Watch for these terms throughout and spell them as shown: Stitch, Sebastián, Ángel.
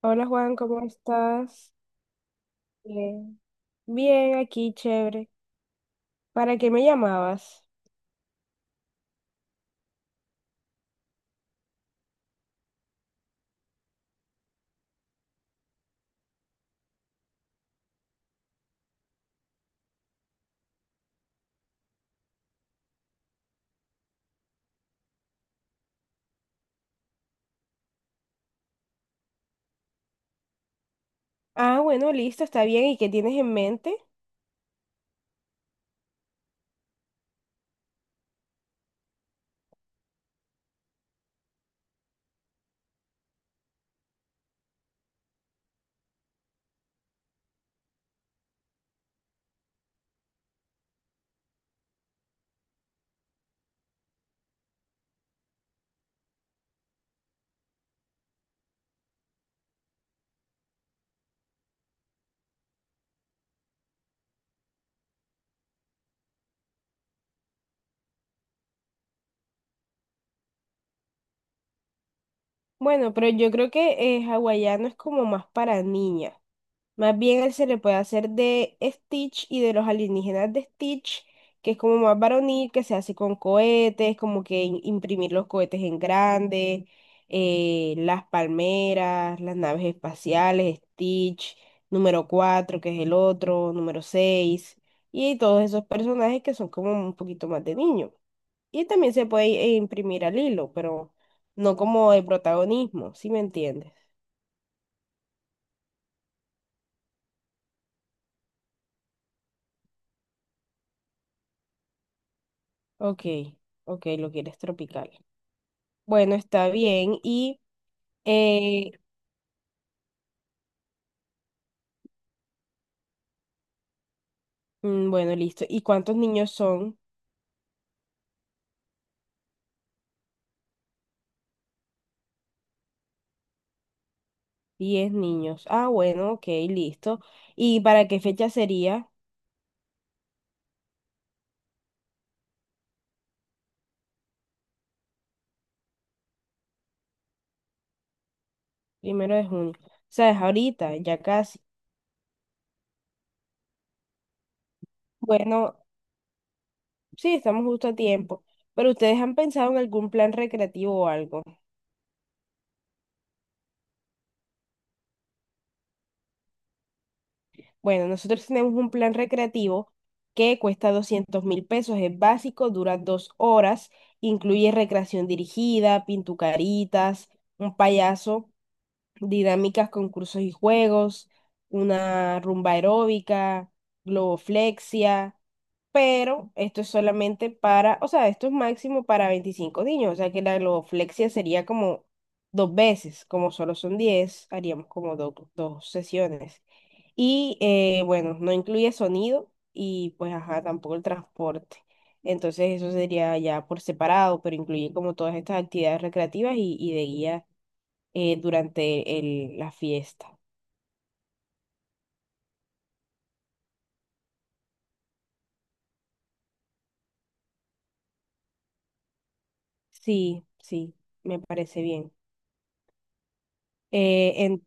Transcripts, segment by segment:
Hola Juan, ¿cómo estás? Bien. Bien, aquí, chévere. ¿Para qué me llamabas? Ah, bueno, listo, está bien. ¿Y qué tienes en mente? Bueno, pero yo creo que hawaiano es como más para niñas. Más bien él se le puede hacer de Stitch y de los alienígenas de Stitch, que es como más varonil, que se hace con cohetes, como que imprimir los cohetes en grande, las palmeras, las naves espaciales, Stitch, número 4 que es el otro, número 6 y todos esos personajes que son como un poquito más de niño. Y también se puede imprimir al hilo, pero no como el protagonismo, ¿si me entiendes? Ok, ok, lo quieres tropical. Bueno, está bien. Eh, bueno, listo. ¿Y cuántos niños son? 10 niños. Ah, bueno, ok, listo. ¿Y para qué fecha sería? Primero de junio. O sea, es ahorita, ya casi. Bueno, sí, estamos justo a tiempo. Pero ¿ustedes han pensado en algún plan recreativo o algo? Bueno, nosotros tenemos un plan recreativo que cuesta 200.000 pesos, es básico, dura 2 horas, incluye recreación dirigida, pintucaritas, un payaso, dinámicas, concursos y juegos, una rumba aeróbica, globoflexia, pero esto es solamente para, o sea, esto es máximo para 25 niños, o sea que la globoflexia sería como 2 veces, como solo son 10 haríamos como 2 sesiones. Y bueno, no incluye sonido y pues ajá, tampoco el transporte. Entonces eso sería ya por separado, pero incluye como todas estas actividades recreativas y de guía durante la fiesta. Sí, sí, me parece bien. Eh, en-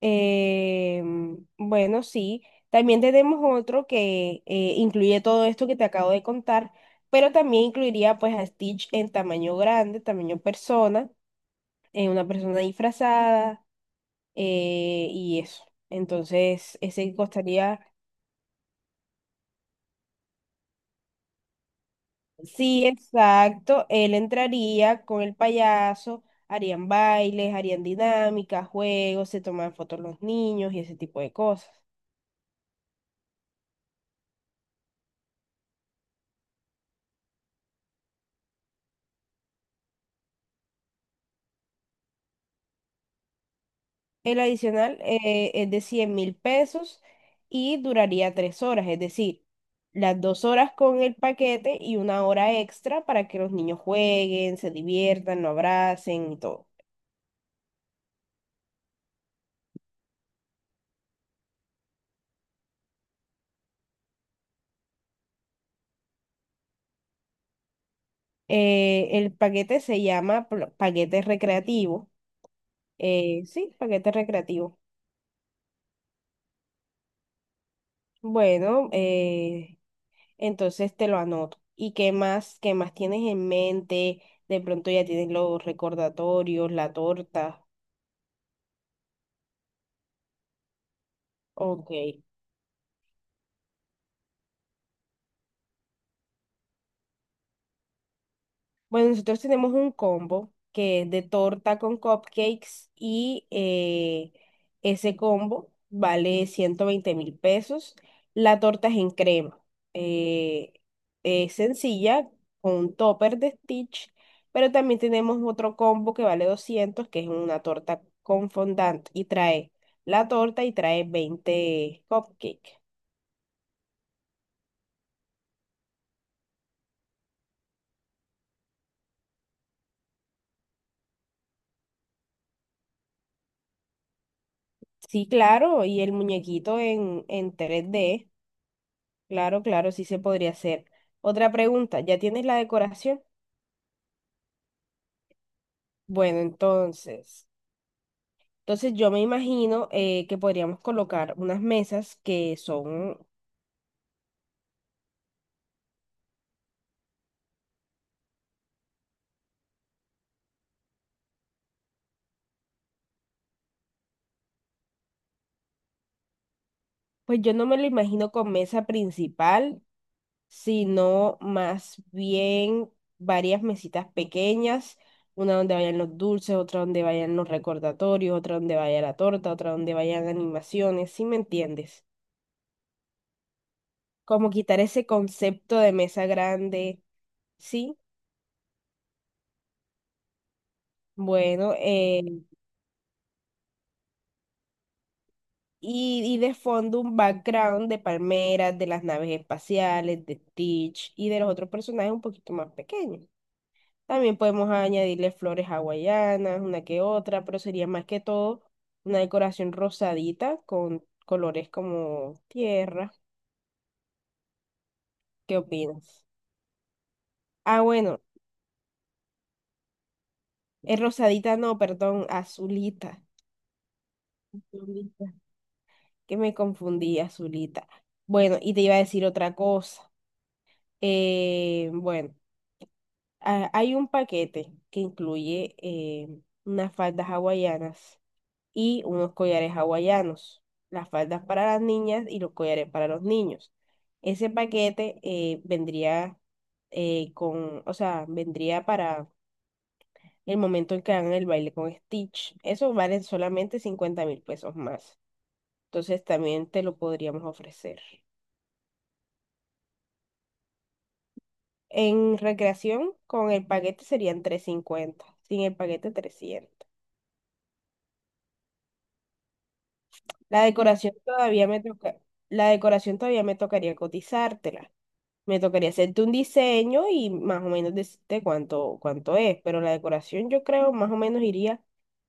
bueno, sí, también tenemos otro que incluye todo esto que te acabo de contar, pero también incluiría pues a Stitch en tamaño grande, tamaño persona, una persona disfrazada, y eso. Entonces, ese costaría, sí, exacto, él entraría con el payaso, harían bailes, harían dinámicas, juegos, se toman fotos los niños y ese tipo de cosas. El adicional es de 100.000 pesos y duraría 3 horas, es decir, las 2 horas con el paquete y una hora extra para que los niños jueguen, se diviertan, lo abracen y todo. El paquete se llama paquete recreativo. Sí, paquete recreativo. Bueno, entonces te lo anoto. ¿Y qué más, tienes en mente? De pronto ya tienes los recordatorios, la torta. Ok. Bueno, nosotros tenemos un combo que es de torta con cupcakes y ese combo vale 120.000 pesos. La torta es en crema. eh, es sencilla, con un topper de Stitch, pero también tenemos otro combo que vale 200, que es una torta con fondant y trae la torta y trae 20 cupcakes. Sí, claro, y el muñequito en 3D. Claro, claro, sí se podría hacer. Otra pregunta, ¿ya tienes la decoración? Bueno, entonces yo me imagino que podríamos colocar unas mesas que son, pues yo no me lo imagino con mesa principal, sino más bien varias mesitas pequeñas, una donde vayan los dulces, otra donde vayan los recordatorios, otra donde vaya la torta, otra donde vayan animaciones, ¿sí me entiendes? Como quitar ese concepto de mesa grande, ¿sí? Bueno, y de fondo un background de palmeras, de las naves espaciales, de Stitch y de los otros personajes un poquito más pequeños. También podemos añadirle flores hawaianas, una que otra, pero sería más que todo una decoración rosadita con colores como tierra. ¿Qué opinas? Ah, bueno, es rosadita, no, perdón, azulita. Azulita. Que me confundí, azulita. Bueno, y te iba a decir otra cosa. Bueno. Ah, hay un paquete que incluye unas faldas hawaianas y unos collares hawaianos. Las faldas para las niñas y los collares para los niños. Ese paquete vendría con, o sea, vendría para el momento en que hagan el baile con Stitch. Eso vale solamente 50.000 pesos más. Entonces también te lo podríamos ofrecer. En recreación, con el paquete serían 350, sin el paquete 300. La decoración todavía me toca, la decoración todavía me tocaría cotizártela. Me tocaría hacerte un diseño y más o menos decirte cuánto, cuánto es, pero la decoración yo creo más o menos iría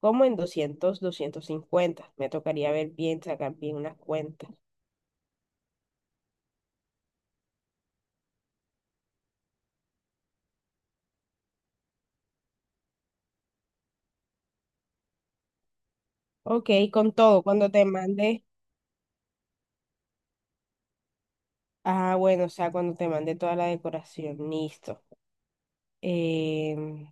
como en 200, 250. Me tocaría ver bien, sacar bien unas cuentas. Ok, con todo, cuando te mande, ah, bueno, o sea, cuando te mande toda la decoración, listo. Em,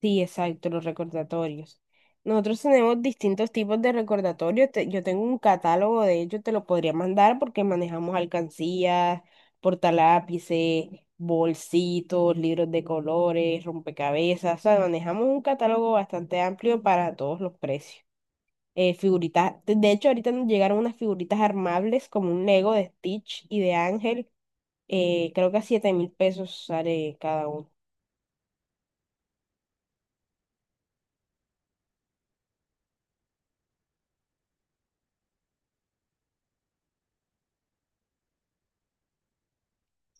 Sí, exacto, los recordatorios. Nosotros tenemos distintos tipos de recordatorios. Yo tengo un catálogo, de ellos te lo podría mandar porque manejamos alcancías, portalápices, bolsitos, libros de colores, rompecabezas. O sea, manejamos un catálogo bastante amplio para todos los precios. Figuritas, de hecho, ahorita nos llegaron unas figuritas armables como un Lego de Stitch y de Ángel. Creo que a 7.000 pesos sale cada uno.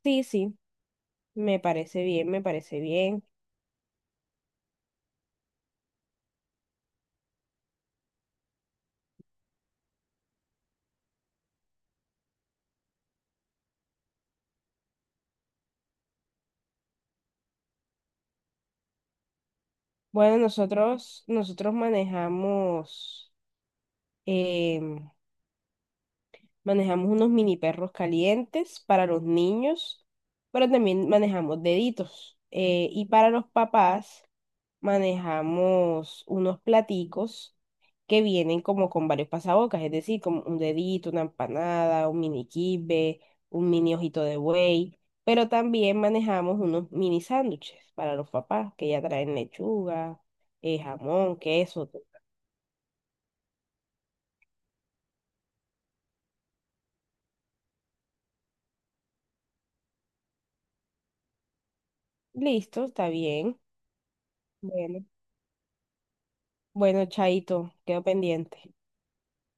Sí, sí, me parece bien, me parece bien. Bueno, nosotros em, manejamos unos mini perros calientes para los niños, pero también manejamos deditos. Y para los papás manejamos unos platicos que vienen como con varios pasabocas, es decir, como un dedito, una empanada, un mini kibbe, un mini ojito de buey, pero también manejamos unos mini sándwiches para los papás que ya traen lechuga, jamón, queso. Listo, está bien. Bueno, bueno, Chaito, quedo pendiente.